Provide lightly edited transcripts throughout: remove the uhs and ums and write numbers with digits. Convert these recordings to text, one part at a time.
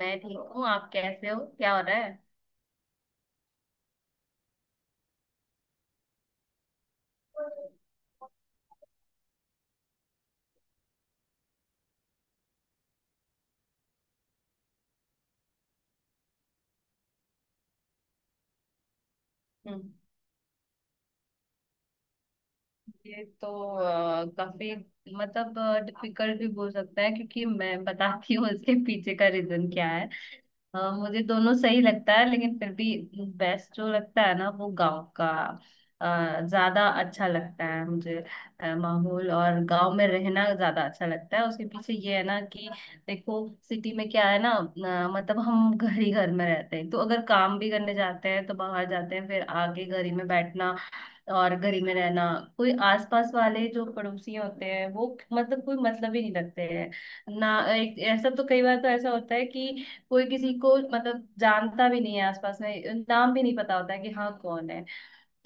मैं ठीक हूँ। आप कैसे हो? क्या हो रहा है? हम्म, ये तो काफी मतलब डिफिकल्ट भी बोल सकता है, क्योंकि मैं बताती हूँ इसके पीछे का रीजन क्या है। हाँ, मुझे दोनों सही लगता है, लेकिन फिर भी बेस्ट जो लगता है ना वो गांव का ज्यादा अच्छा लगता है मुझे। माहौल और गांव में रहना ज्यादा अच्छा लगता है। उसके पीछे ये है ना कि देखो, सिटी में क्या है ना, मतलब हम घर ही घर में रहते हैं, तो अगर काम भी करने जाते हैं तो बाहर जाते हैं, फिर आके घर ही में बैठना और घर ही में रहना। कोई आसपास वाले जो पड़ोसी होते हैं वो मतलब कोई मतलब ही नहीं रखते हैं ना। एक ऐसा तो कई बार तो ऐसा होता है कि कोई किसी को मतलब जानता भी नहीं है, आसपास में नाम भी नहीं पता होता है कि हाँ कौन है।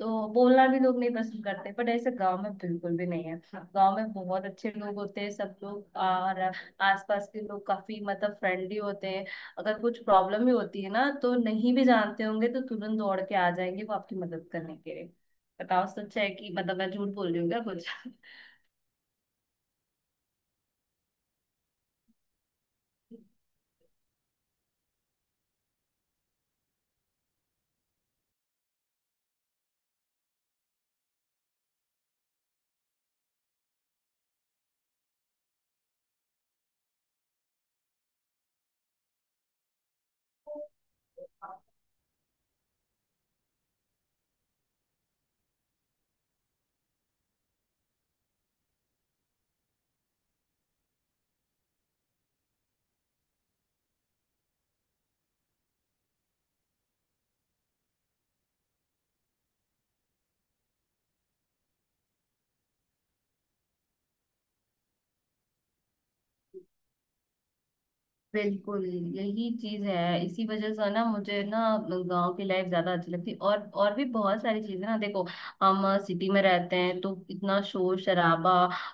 तो बोलना भी लोग नहीं पसंद करते, बट ऐसे गांव में बिल्कुल भी नहीं है। गांव में बहुत अच्छे लोग होते हैं सब लोग, और आसपास के लोग काफी मतलब फ्रेंडली होते हैं। अगर कुछ प्रॉब्लम भी होती है ना, तो नहीं भी जानते होंगे तो तुरंत दौड़ के आ जाएंगे वो आपकी मदद करने के लिए। बताओ, सच है कि मतलब मैं झूठ बोल रही हूँ क्या कुछ? बिल्कुल, यही चीज है। इसी वजह से ना मुझे ना गांव की लाइफ ज्यादा अच्छी लगती। और भी बहुत सारी चीजें ना, देखो, हम सिटी में रहते हैं तो इतना शोर शराबा,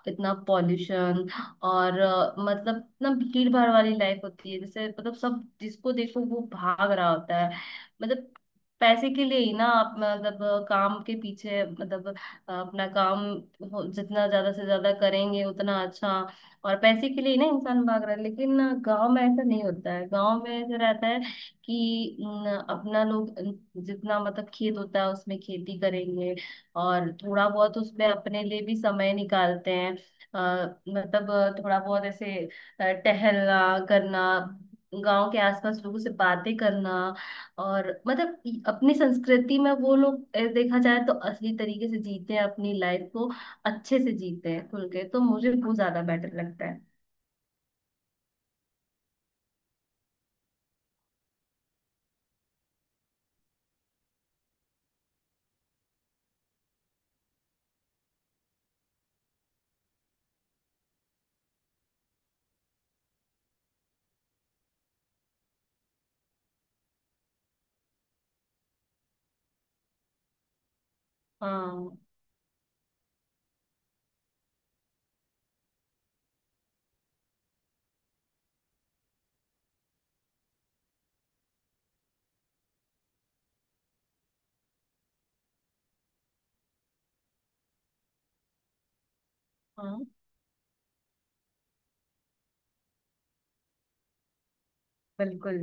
इतना पॉल्यूशन, और मतलब इतना भीड़ भाड़ वाली लाइफ होती है। जैसे मतलब सब, जिसको देखो वो भाग रहा होता है मतलब पैसे के लिए ही ना। आप मतलब काम के पीछे मतलब अपना काम जितना ज्यादा से ज्यादा करेंगे उतना अच्छा। और पैसे के लिए ना इंसान भाग रहा है, लेकिन गांव में ऐसा नहीं होता है। गांव में ऐसा रहता है कि न, अपना लोग न, जितना मतलब खेत होता है उसमें खेती करेंगे और थोड़ा बहुत उसमें अपने लिए भी समय निकालते हैं। मतलब थोड़ा बहुत ऐसे टहलना करना, गांव के आसपास लोगों से बातें करना। और मतलब अपनी संस्कृति में वो लोग देखा जाए तो असली तरीके से जीते हैं अपनी लाइफ को, अच्छे से जीते हैं, खुल के। तो मुझे वो ज्यादा बेटर लगता है। हाँ, हाँ, बिल्कुल।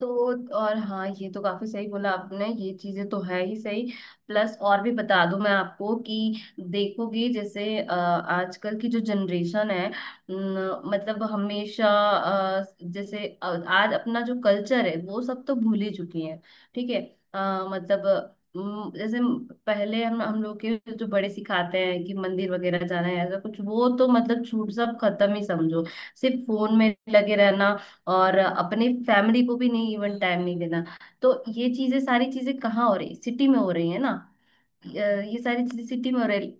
तो और हाँ, ये तो काफी सही बोला आपने, ये चीजें तो है ही सही। प्लस और भी बता दूं मैं आपको कि देखोगे जैसे आजकल की जो जनरेशन है न, मतलब हमेशा जैसे आज अपना जो कल्चर है वो सब तो भूल ही चुकी है। ठीक है। मतलब जैसे पहले हम लोग के जो बड़े सिखाते हैं कि मंदिर वगैरह जाना है, ऐसा कुछ वो तो मतलब छूट, सब खत्म ही समझो। सिर्फ फोन में लगे रहना और अपने फैमिली को भी नहीं, इवन टाइम नहीं देना। तो ये चीजें, सारी चीजें कहाँ हो रही? सिटी में हो रही है ना। ये सारी चीजें सिटी में हो रही।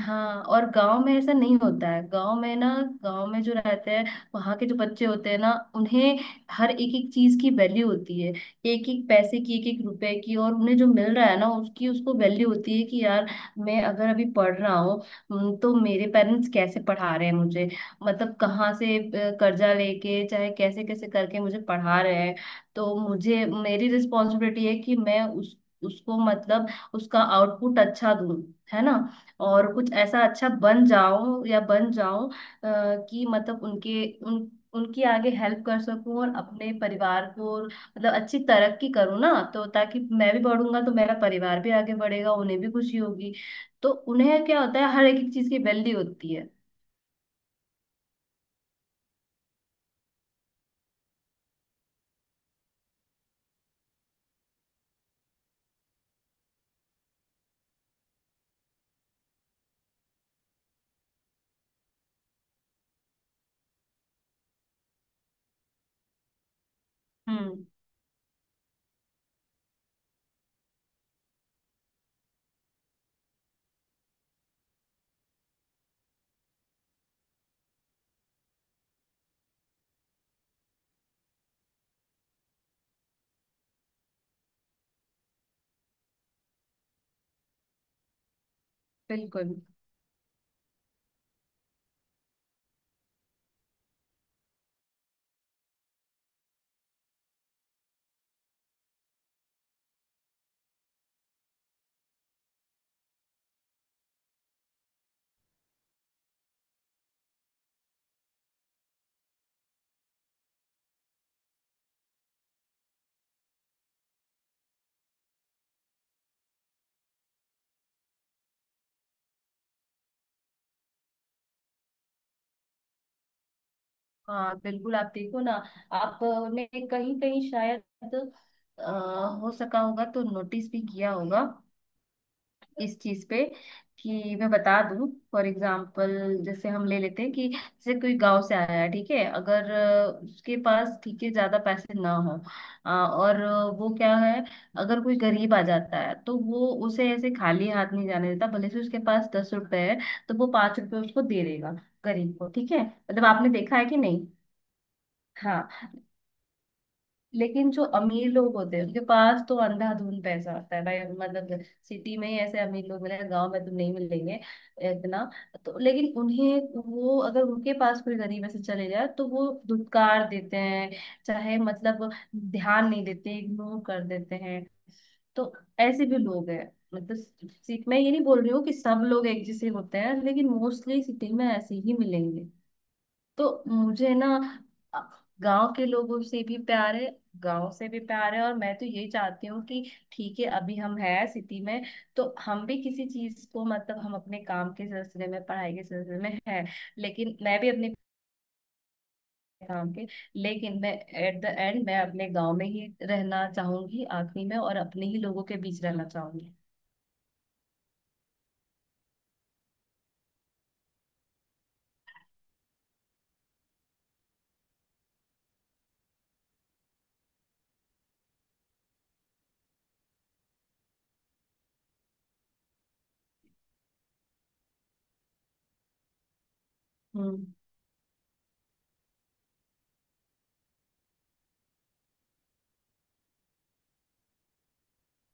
हाँ, और गांव में ऐसा नहीं होता है। गांव में ना, गांव में जो रहते हैं, वहां के जो बच्चे होते हैं ना, उन्हें हर एक एक चीज की वैल्यू होती है। एक एक पैसे की, एक एक रुपए की, और उन्हें जो मिल रहा है ना उसकी उसको वैल्यू होती है कि यार, मैं अगर अभी पढ़ रहा हूँ, तो मेरे पेरेंट्स कैसे पढ़ा रहे हैं मुझे, मतलब कहाँ से कर्जा लेके, चाहे कैसे कैसे करके मुझे पढ़ा रहे हैं। तो मुझे, मेरी रिस्पॉन्सिबिलिटी है कि मैं उस, उसको मतलब उसका आउटपुट अच्छा दूं, है ना। और कुछ ऐसा अच्छा बन जाऊं या बन जाऊं कि मतलब उनके उन उनकी आगे हेल्प कर सकूं, और अपने परिवार को, और मतलब अच्छी तरक्की करूं ना, तो ताकि मैं भी बढ़ूंगा तो मेरा परिवार भी आगे बढ़ेगा, उन्हें भी खुशी होगी। तो उन्हें क्या होता है, हर एक एक चीज की वैल्यू होती है। हम्म, बिल्कुल। हाँ, बिल्कुल, आप देखो ना, आपने कहीं कहीं शायद अ, हो सका होगा तो नोटिस भी किया होगा इस चीज पे, कि मैं बता दूं। फॉर एग्जाम्पल, जैसे हम ले लेते हैं कि जैसे कोई गांव से आया है, ठीक है, अगर उसके पास ठीक है ज्यादा पैसे ना हो, और वो क्या है, अगर कोई गरीब आ जाता है तो वो उसे ऐसे खाली हाथ नहीं जाने देता, भले से उसके पास 10 रुपए है तो वो 5 रुपए उसको दे देगा, गरीब को, ठीक है। मतलब आपने देखा है कि नहीं? हाँ। लेकिन जो अमीर लोग होते हैं उनके पास तो अंधाधुंध पैसा होता है भाई, मतलब सिटी में ही ऐसे अमीर लोग मिलेंगे, गांव में तो नहीं मिलेंगे इतना। तो लेकिन उन्हें वो, अगर उनके पास कोई गरीब ऐसे चले जाए तो वो धुतकार देते हैं, चाहे मतलब ध्यान नहीं देते, इग्नोर कर देते हैं। तो ऐसे भी लोग हैं मतलब। सिटी मैं ये नहीं बोल रही हूँ कि सब लोग एक जैसे होते हैं, लेकिन मोस्टली सिटी में ऐसे ही मिलेंगे। तो मुझे ना, गांव के लोगों से भी प्यार है, गांव से भी प्यार है, और मैं तो यही चाहती हूँ कि ठीक है, अभी हम है सिटी में तो हम भी किसी चीज को मतलब, हम अपने काम के सिलसिले में, पढ़ाई के सिलसिले में है, लेकिन मैं भी अपने काम के, लेकिन मैं एट द एंड, मैं अपने गांव में ही रहना चाहूंगी आखिरी में, और अपने ही लोगों के बीच रहना चाहूंगी। हम्म,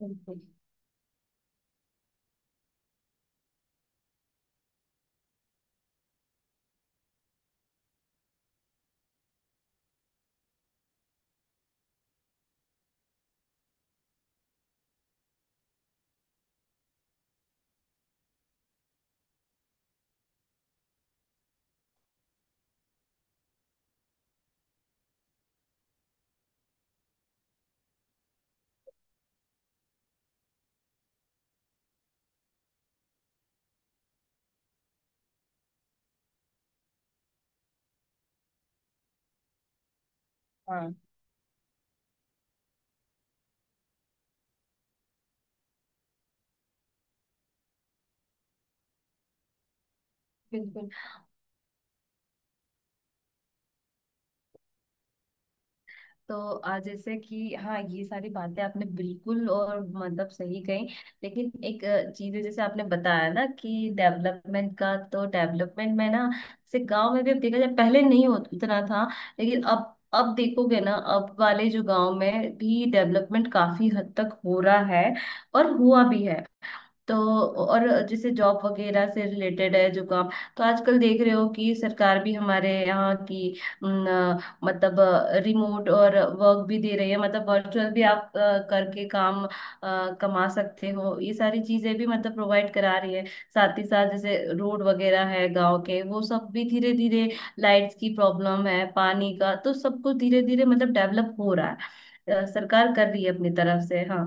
बिल्कुल। हाँ, बिल्कुल। तो आज जैसे कि हाँ, ये सारी बातें आपने बिल्कुल और मतलब सही कही, लेकिन एक चीज है जैसे आपने बताया ना कि डेवलपमेंट का, तो डेवलपमेंट में ना, जैसे गांव में भी अब देखा जाए, पहले नहीं होता इतना था, लेकिन अब देखोगे ना, अब वाले जो गांव में भी डेवलपमेंट काफी हद तक हो रहा है, और हुआ भी है। तो और जैसे जॉब वगैरह से रिलेटेड है जो काम, तो आजकल देख रहे हो कि सरकार भी हमारे यहाँ की न, मतलब रिमोट और वर्क भी दे रही है, मतलब वर्चुअल भी आप करके काम कमा सकते हो, ये सारी चीजें भी मतलब प्रोवाइड करा रही है। साथ ही साथ जैसे रोड वगैरह है गांव के वो सब भी धीरे धीरे, लाइट्स की प्रॉब्लम है, पानी का, तो सब कुछ धीरे धीरे मतलब डेवलप हो रहा है, सरकार कर रही है अपनी तरफ से। हाँ।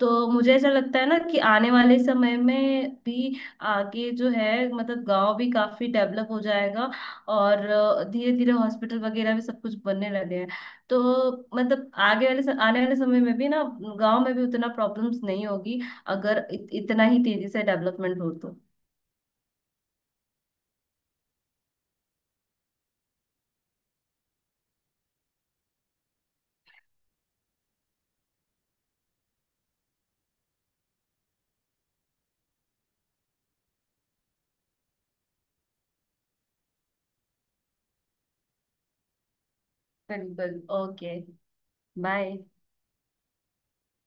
तो मुझे ऐसा लगता है ना कि आने वाले समय में भी आगे जो है मतलब गांव भी काफी डेवलप हो जाएगा, और धीरे धीरे हॉस्पिटल वगैरह भी सब कुछ बनने लगे हैं। तो मतलब आगे वाले आने वाले समय में भी ना गांव में भी उतना प्रॉब्लम्स नहीं होगी, अगर इतना ही तेजी से डेवलपमेंट हो तो। बिल्कुल, ओके। बाय।